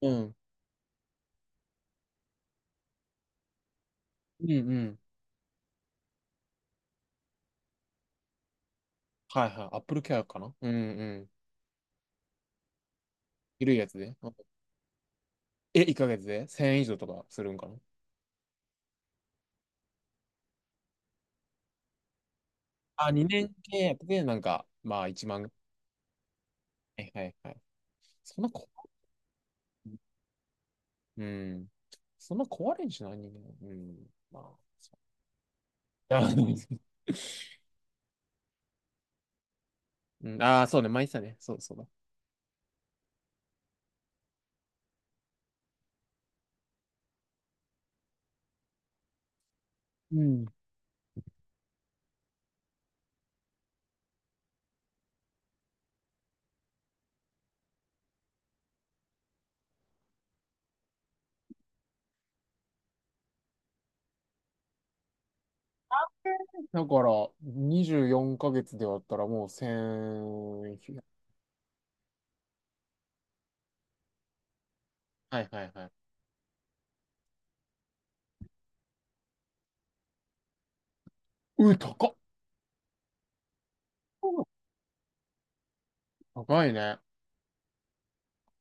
うん。うんうん。はいはい。アップルケアかな、うんうん。緩いやつで。え、1ヶ月で1000円以上とかするんかな。あ、2年契約で、なんか、まあ1万。はいはいはい。そんな壊れ、うん。そんな壊れんしない人間。うん。まあ、そう。あー、そうね。毎日だね。そうそうだ。うん。だから、24ヶ月で割ったらもう1000、はいはいはい。うー、高っ。高いね。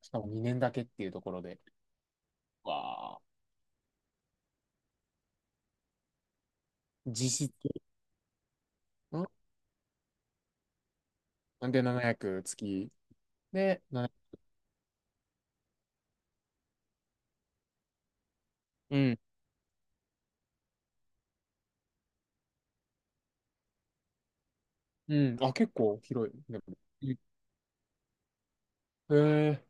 しかも2年だけっていうところで。わあ。実質。んで、700月。で、7な、うん。うん。あ、結構広い。でも。うん。へえ、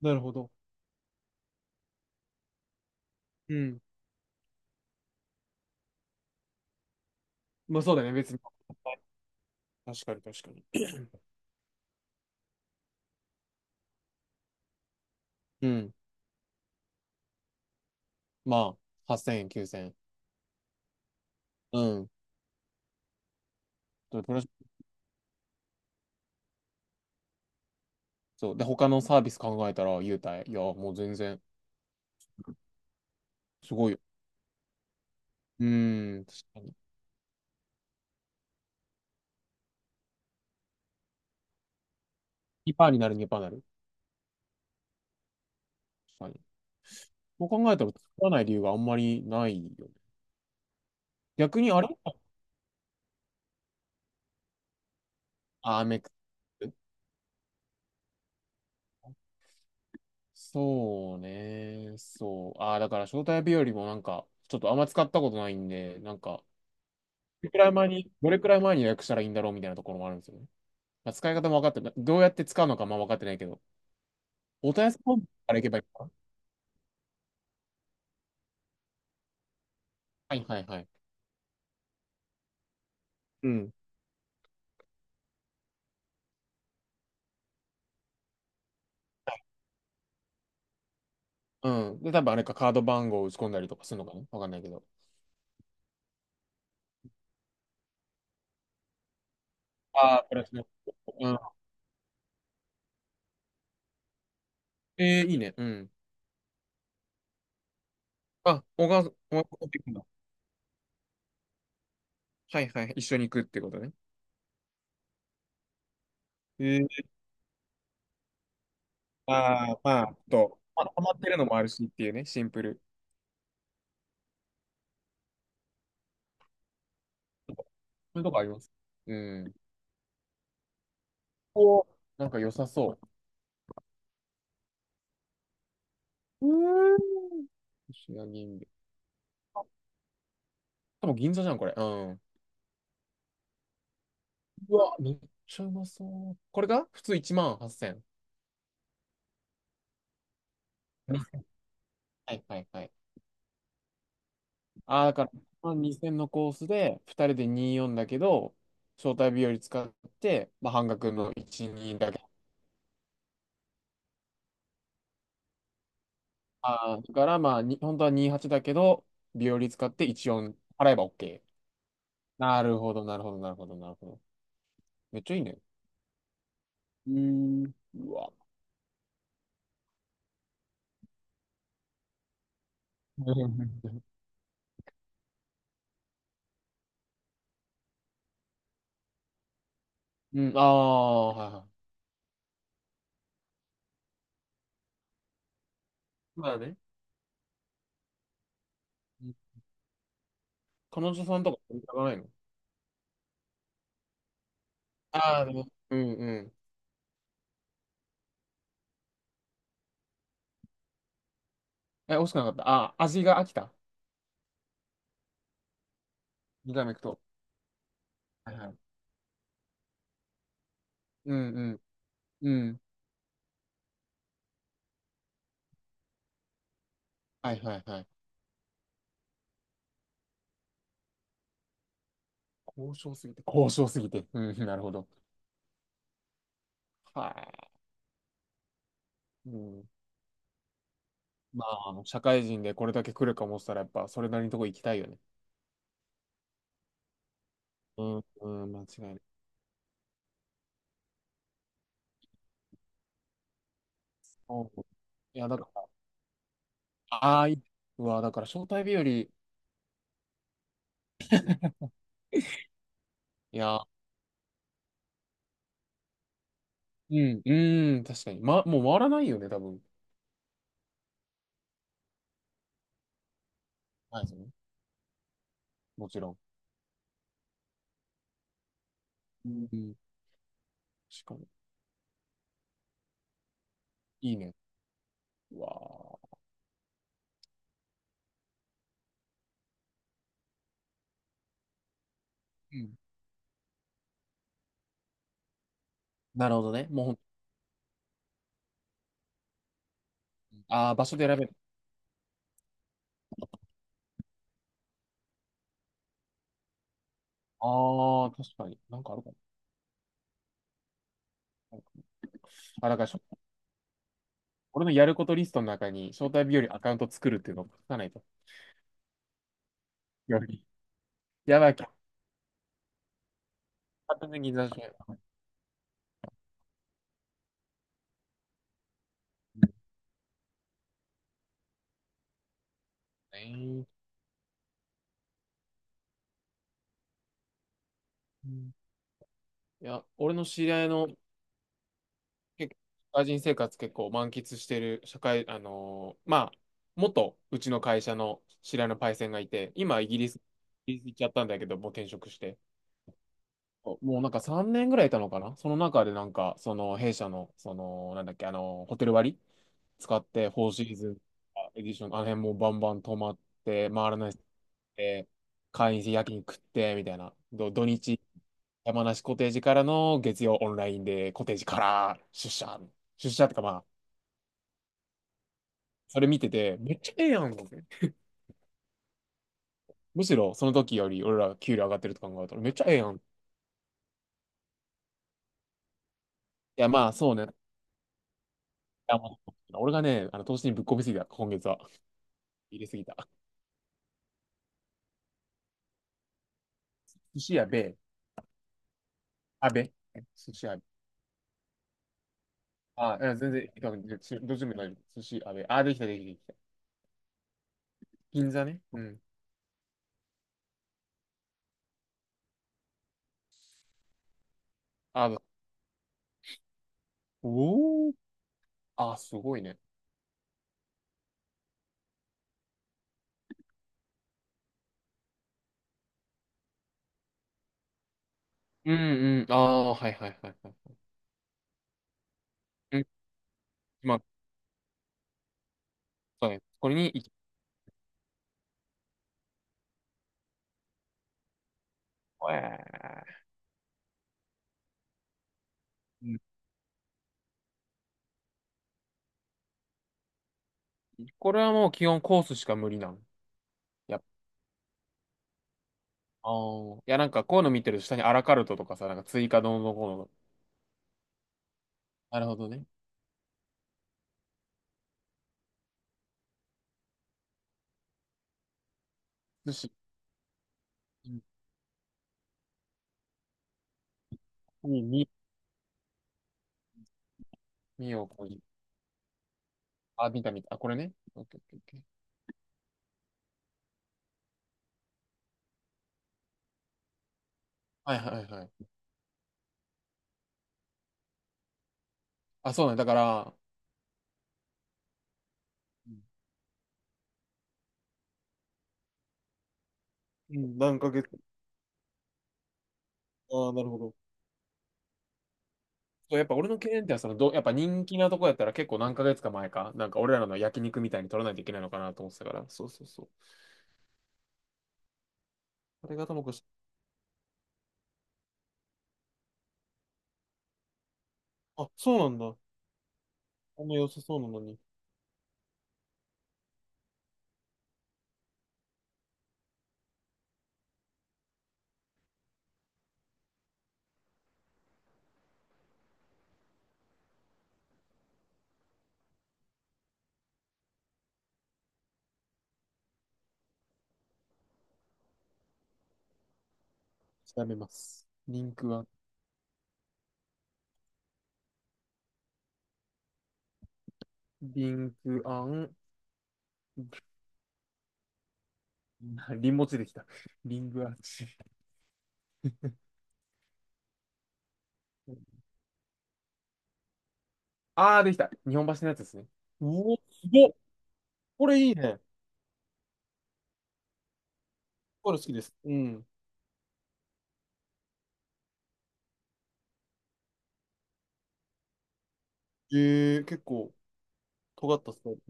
なるほど。うん。まあそうだね、別に。確かに、確かに。うん。まあ、8000円、9000う、せんえん。うん、とプラスそう。で、他のサービス考えたら、優待。いや、もう全然、すごいよ。うん、確かに。にパーになる、2%になる。確かに。そう考えたら、作らない理由があんまりないよね。逆にあれ、あ、アメックス。そうね。そう。ああ、だから招待日よりもなんか、ちょっとあんま使ったことないんで、なんか、どれくらい前に、どれくらい前に予約したらいいんだろうみたいなところもあるんですよね。まあ、使い方も分かってない。どうやって使うのかも分かってないけど。お問い合わせフォームから行けばいいのかな。はいはいはい。うん。うん。で、多分あれか、カード番号を打ち込んだりとかするのかな、わかんないけど。ああ、プラスね。うん。えー、いいね。うん。あ、お母さん、お母さんと行くんだ。はいはい。一緒に行くってことね。えー、ああ、まあ、ちょっと、まあハマってるのもあるしっていうね、シンプル。そういうとこあります。うん。ここ、なんか良さそう。うーん。石田銀兵衛。多分銀座じゃん、これ。うん。うわ、めっちゃうまそう。これが普通1万8000。うん。はいはいはい。ああ、だから、1万2000のコースで、2人で24だけど、招待日より使って、まあ、半額の12だけ。ああ、だからまあ、に本当は28だけど、日和使って14払えば OK。なるほど、なるほど、なるほど、なるほど。めっちゃいいね。うーん、うわ。うん、ああ、はいはい。まあね。うん、彼女さんとか見たくないの。ああ、でも、うんうん。え、惜しくなかった。ああ、味が飽きた。2回目行くと。はいはい。うんうん。うん。はいはいはい。交渉すぎて。交渉すぎて。うん、なるほど。はい。うん。まあ、社会人でこれだけ来るかもしたら、やっぱ、それなりのとこ行きたいよね。うん、うん、間違いない。おう、いや、だから、ああ、いい。うわ、だから、招待日より、いや、うん、うん、確かに。ま、もう回らないよね、多分。はい、もちろん。うん、しかも、いいね。うわあ。うん。なるほどね。もうほん、ああ、場所で選べる。ああ、確かに。なんかあるかな。あ、だからしょ、俺のやることリストの中に、招待日和アカウント作るっていうのを書かないと。やばい。やばい。完全に銀座商。いや、俺の知り合いの、結構、社会人生活結構満喫してる、社会、元うちの会社の知り合いのパイセンがいて、今イギリス、イギリス行っちゃったんだけど、もう転職して。もうなんか3年ぐらいいたのかな、その中でなんか、その弊社の、その、なんだっけ、あの、ホテル割使って、フォーシーズンエディション、あの辺もうバンバン泊まって、回らないで、会員制夜勤食って、みたいな。ど土日、山梨コテージからの月曜オンラインで、コテージから出社。出社ってかまあ、それ見てて、めっちゃええやん。むしろその時より俺ら給料上がってると考えたら、めっちゃええやん。いやまあそうね。いやまあ俺がね、あの投資にぶっ込みすぎた、今月は。入れすぎた。寿司やべ、あべ、寿司やべ。あ、いや全然、どっちでも大丈夫。寿司やべ。あ、できた、できた、できた。銀座ね。うん。あ、おー。あ、すごいね。うんうん。ああ、はいはいはいはい。うん、まあ、そうね。これに行き、えー、うん、これはもう基本コースしか無理なの。やっぱ、あーいや、なんかこういうの見てると下にアラカルトとかさ、なんか追加どうのこうの。なるほどね。寿司、に、に、みよこに。あ、見た見た。あ、これね。オッケーオッケーオッケー。はいはいはい。あ、そうなんだ。だから、うん、何ヶ月。ああ、なるほど。そうやっぱ俺の経験ってそのど、やっぱ人気なとこやったら結構何ヶ月か前か、なんか俺らの焼肉みたいに取らないといけないのかなと思ってたから、そうそうそう。あれがともかし、あ、そうなんだ。あんま良さそうなのに。調べます。リンクアン、リンクアン、リンモチできた。リングアンチ。あー、できた。日本橋のやつですね。うお、すごっ。これいいね。これ好きです。うん。ええ、結構、尖ったスタイル。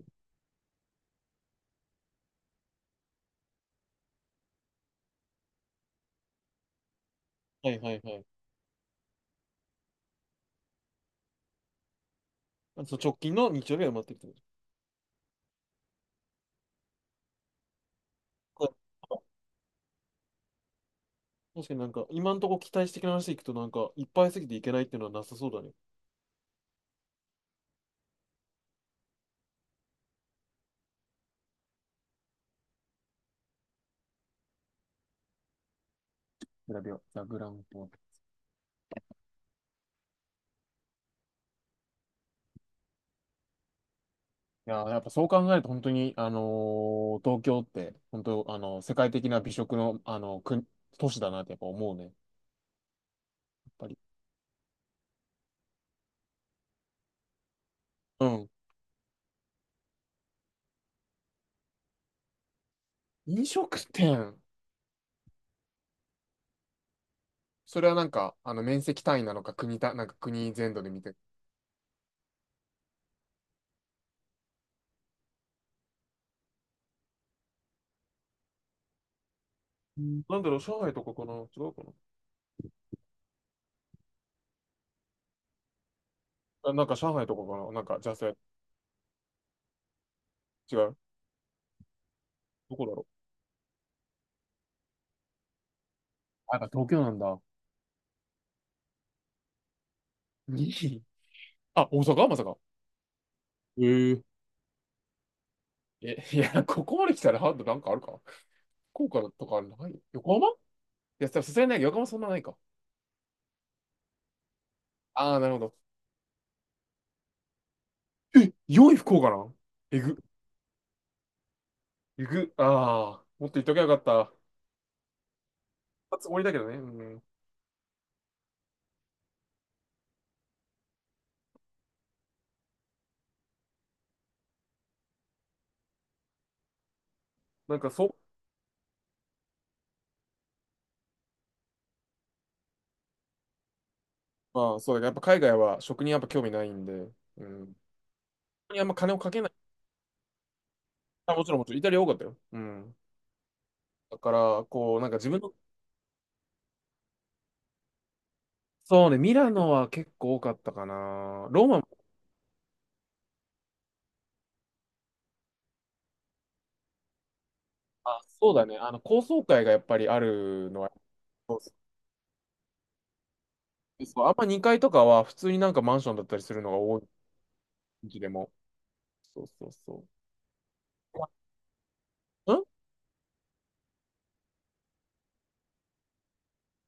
はいはいはい。あ、そう、直近の日曜日は埋まってるってこと。確かになんか、今のところ期待してきな話でいくと、なんか、いっぱいすぎていけないっていうのはなさそうだね。グラビア、ザ・グランポ。いやー、やっぱそう考えると、本当に、東京って、本当、世界的な美食の、国都市だなってやっぱ思うね。やっぱり。うん。飲食店。それはなんか、あの、面積単位なのか、国た、なんか国全土で見て。うん、なんだろう、上海とかかな、違うかな。あ、なんか上海とかかな、なんか、じゃあそれ、違う。どこだろう。あ、やっぱ東京なんだ。いい、あ、大阪まさか。ええ。え、いや、ここまで来たらハード、なんかあるか。福岡とかない、横浜、いや、さすがにない。横浜そんなないか。ああ、なるほど。え、良い福岡なん、えぐ、えぐ、ああ、もっと言っときゃよかった。初終わりだけどね。うん。なんかそう、まあそうだけど、やっぱ海外は食にやっぱ興味ないんで、うん。にあんま金をかけない。あ、もちろんもちろん、イタリア多かったよ。うん。だから、こう、なんか自分の、そうね、ミラノは結構多かったかな。ローマも、あ、そうだね。あの、高層階がやっぱりあるのは、そうそう、そう、あんま2階とかは普通になんかマンションだったりするのが多い、うちでも。そうそうそう。うん、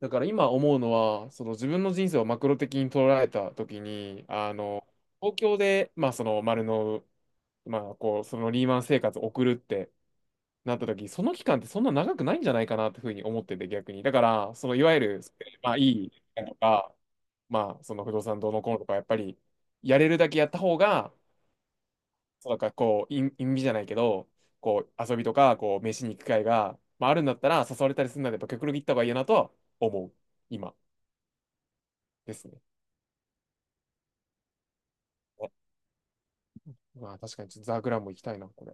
だから今思うのは、その自分の人生をマクロ的に捉えたときに、あの、東京で、まあその丸の、まあこう、そのリーマン生活を送るってなったとき、その期間ってそんな長くないんじゃないかなってふうに思ってて、逆に。だから、そのいわゆる、まあいいとか、まあその不動産どうのこうのとか、やっぱりやれるだけやった方が、そうなんからこう、意意味じゃないけど、こう、遊びとか、こう、飯に行く機会が、まあ、あるんだったら、誘われたりするなら、やっぱ極力行った方がいいなとは思う。今ですね。あ、まあ、確かに、ちょっとザ・グランも行きたいな、これ。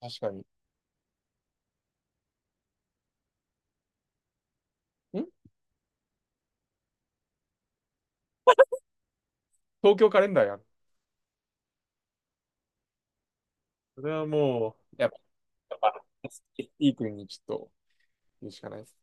確かに。ん、東京カレンダーやん。それはもう、やっぱ、まあスティークにちょっと、言うしかないです。